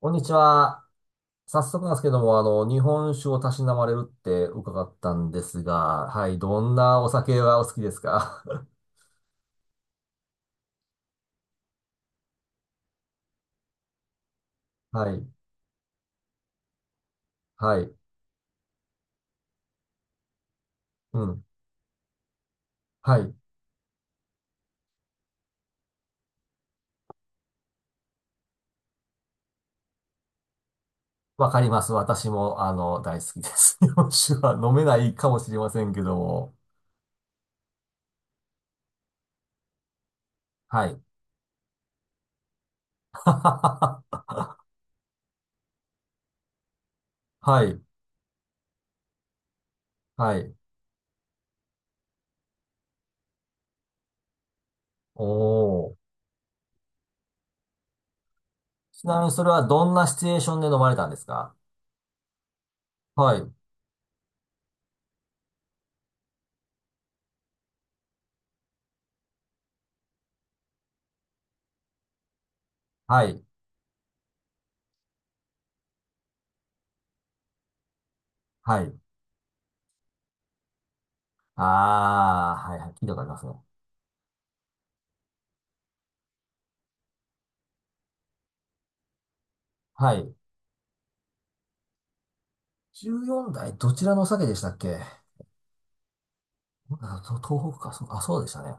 こんにちは。早速なんですけども、日本酒をたしなまれるって伺ったんですが、はい、どんなお酒がお好きですか？ はい、はい、うん、はい。わかります。私も、大好きです。日本酒は飲めないかもしれませんけども。はい。はい、はい。おー。ちなみにそれはどんなシチュエーションで飲まれたんですか？はい、はい、はい。あー、はい、はい、聞いたことありますね。はい。14代、どちらのお酒でしたっけ？あと東北か、そう、あ、そうでしたね。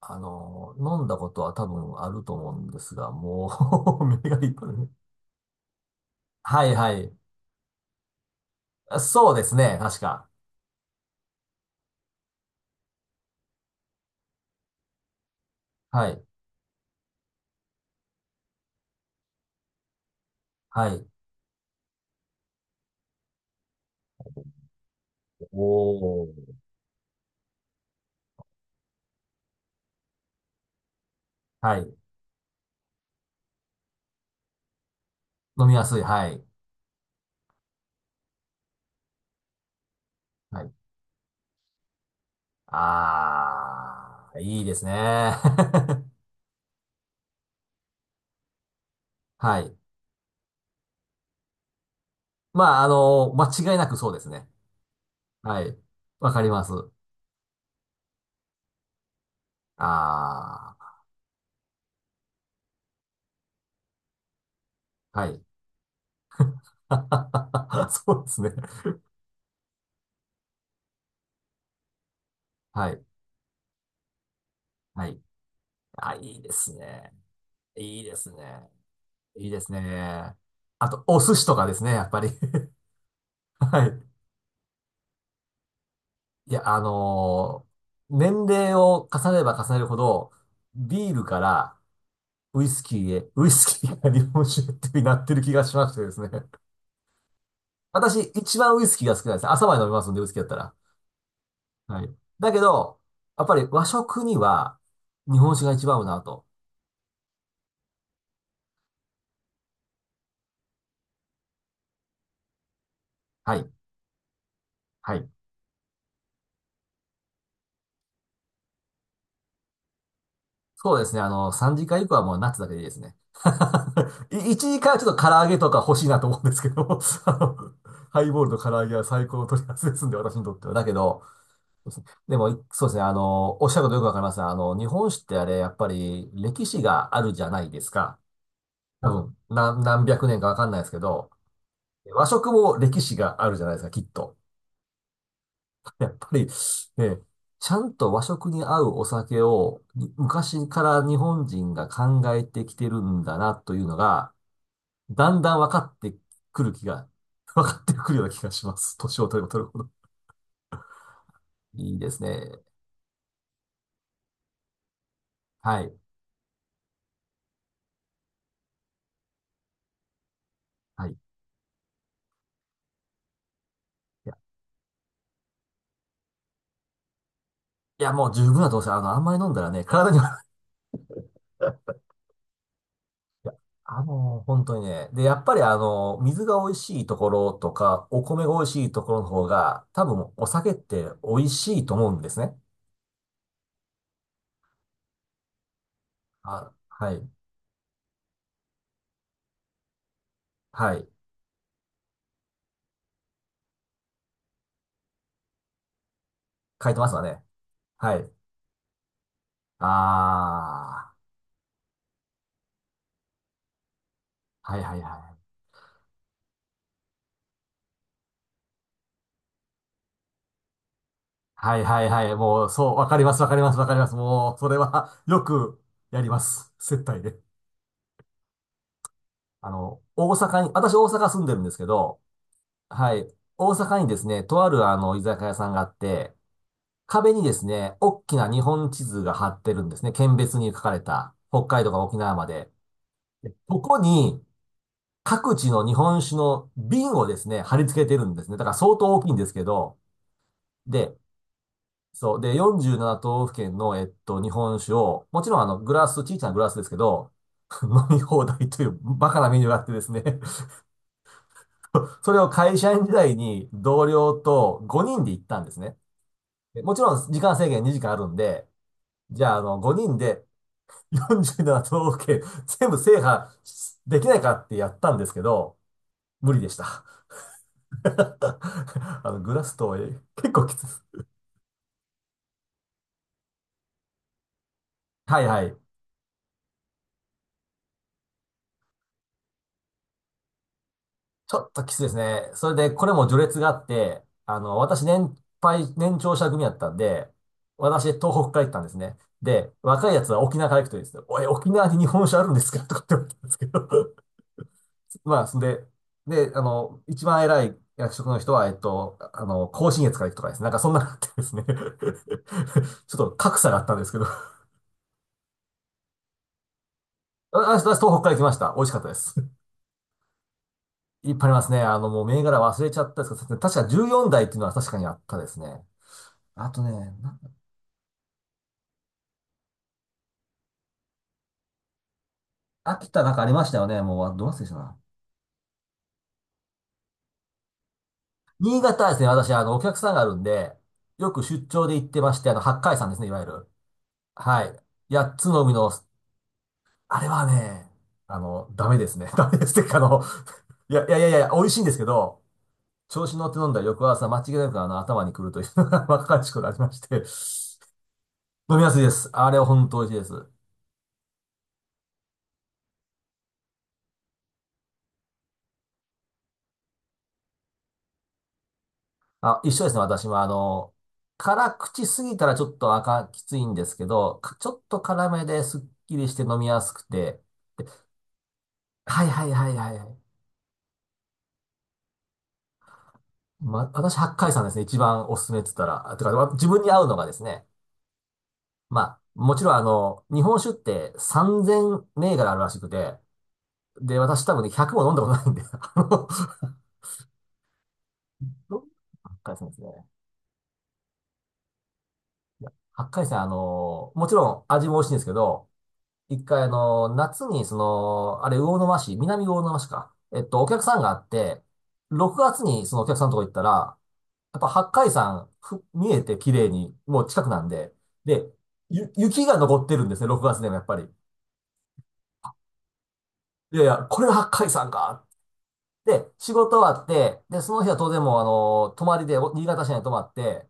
飲んだことは多分あると思うんですが、もう 目がいっぱいね。はいはい。あ、そうですね、確か。はい。はい。おー。はい。飲みやすい。はい。はい。あー、いいですね。はい。まあ、間違いなくそうですね。はい。わかります。あー、はい。そうですね。はい。はい。あ、いいですね。いいですね。いいですね。あと、お寿司とかですね、やっぱり。はい。いや、年齢を重ねれば重ねるほど、ビールからウイスキーへ、ウイスキーから日本酒へってなってる気がしましてですね。私、一番ウイスキーが好きなんです。朝まで飲みますんで、ウイスキーだったら。はい。だけど、やっぱり和食には日本酒が一番合うなと。はい。はい。そうですね。3時間以降はもうナッツだけでいいですね。1時間はちょっと唐揚げとか欲しいなと思うんですけども、ハイボールと唐揚げは最高の取り合わせですんで、私にとっては。だけど、でも、そうですね。おっしゃることよくわかりますね。日本酒ってあれ、やっぱり歴史があるじゃないですか。多分、何百年かわかんないですけど、和食も歴史があるじゃないですか、きっと。やっぱり、ね、ちゃんと和食に合うお酒をに昔から日本人が考えてきてるんだなというのが、だんだん分かってくる気が、分かってくるような気がします。年を取れば取るほど。いいですね。はい。はい。いや、いやもう十分だと思います。あんまり飲んだらね、体には いや、本当にね。で、やっぱり水が美味しいところとか、お米が美味しいところの方が、多分お酒って美味しいと思うんですね。あ、はい。はい。書いてますわね。はい。ああ、はいはいはい。はいはいはい。もう、そう、わかりますわかりますわかります。もう、それは よくやります。接待で。大阪に、私大阪住んでるんですけど、はい。大阪にですね、とある居酒屋さんがあって、壁にですね、大きな日本地図が貼ってるんですね。県別に書かれた、北海道から沖縄まで。でここに、各地の日本酒の瓶をですね、貼り付けてるんですね。だから相当大きいんですけど、で、そう。で、47都道府県の、日本酒を、もちろんグラス、小さなグラスですけど、飲み放題というバカなメニューがあってですね。 それを会社員時代に同僚と5人で行ったんですね。でもちろん時間制限2時間あるんで、じゃあ5人で47都道府県全部制覇できないかってやったんですけど、無理でした。あのグラスと結構きつい。はいはい。ちょっときついですね。それで、これも序列があって、私年配、年長者組やったんで、私、東北から行ったんですね。で、若いやつは沖縄から行くといいですよ。おい、沖縄に日本酒あるんですかとかって言われたんですけど。まあ、そんで、で、一番偉い役職の人は、甲信越から行くとかですね。なんかそんなのあってですね。ちょっと格差があったんですけど。私東北から来ました。美味しかったです。いっぱいありますね。もう銘柄忘れちゃったんですけど、確か14台っていうのは確かにあったですね。あとね、な秋田なんかありましたよね。もう、あ、どう忘れしたな。新潟はですね、私、お客さんがあるんで、よく出張で行ってまして、八海山ですね、いわゆる。はい。八つの海の、あれはね、ダメですね。ダメですっていうか、いや、いやいやいや、美味しいんですけど、調子に乗って飲んだら翌朝、間違いなく頭に来るというのが 若かりしくなりまして、飲みやすいです。あれは本当美味しいです。あ、一緒ですね、私は。辛口すぎたらちょっと赤きついんですけど、ちょっと辛めですっきりして飲みやすくて。はいはいはいはいはい。ま、私、八海山ですね、一番おすすめって言ったら。あてか、自分に合うのがですね。まあ、もちろん日本酒って3000銘柄あるらしくて、で、私多分ね、100も飲んだことないんで、八海山ですね。八海山、もちろん味も美味しいんですけど、一回夏にその、あれ、魚沼市、南魚沼市か。お客さんがあって、6月にそのお客さんのとこ行ったら、やっぱ八海山見えて綺麗に、もう近くなんで、で、雪が残ってるんですね、6月でもやっぱり。いやいや、これが八海山か。で、仕事終わって、で、その日は当然もう泊まりで、新潟市内に泊まって、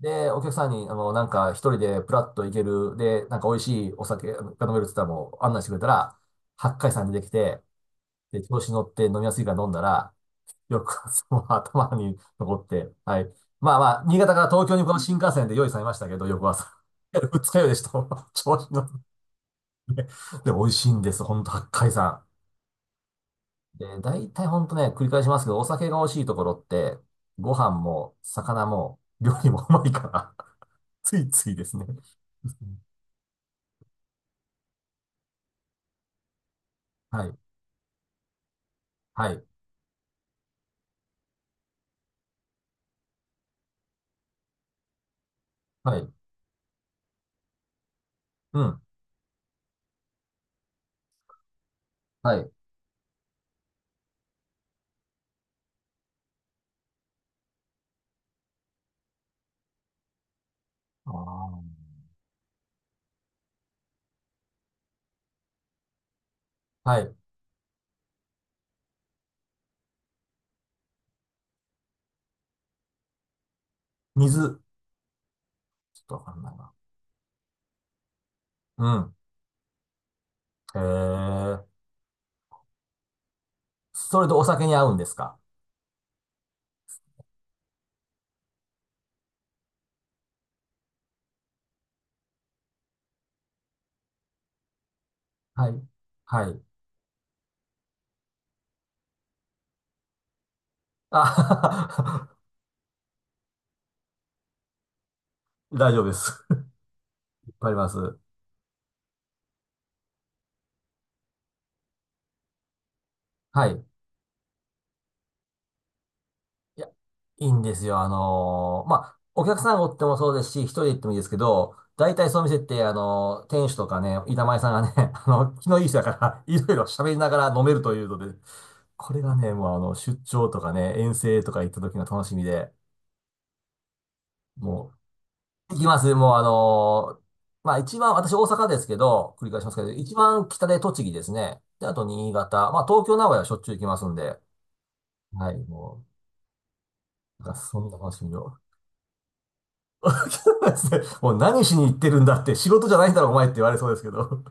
で、お客さんに、なんか一人でプラッと行ける、で、なんか美味しいお酒が飲めるって言ったらもう案内してくれたら、八海山にできて、で、調子に乗って飲みやすいから飲んだら、よく その頭に残って、はい。まあまあ、新潟から東京にこの新幹線で用意されましたけど、翌朝。いや二日酔いでした。調子に乗って。で、美味しいんです。ほんと、八海山。で、大体ほんとね、繰り返しますけど、お酒が美味しいところって、ご飯も、魚も、料理もうまいから、ついついですね。はい。はい。はい。うん。はい。あー、はい。水。ちょっとわかんないな。うん。へえ。それとお酒に合うんですか？はい。はい。あ 大丈夫です。いっぱいあります。はい。いや、いいんですよ。まあ、お客さんがおってもそうですし、一人で行ってもいいですけど、大体そう見せて、店主とかね、板前さんがね、気のいい人だから、いろいろ喋りながら飲めるというので、これがね、もう出張とかね、遠征とか行った時の楽しみで、も行きます。もうまあ一番、私大阪ですけど、繰り返しますけど、一番北で栃木ですね。で、あと新潟。まあ東京、名古屋はしょっちゅう行きますんで。はい、もう、なんかそんな楽しみを。もう何しに行ってるんだって、仕事じゃないんだろ、お前って言われそうですけど。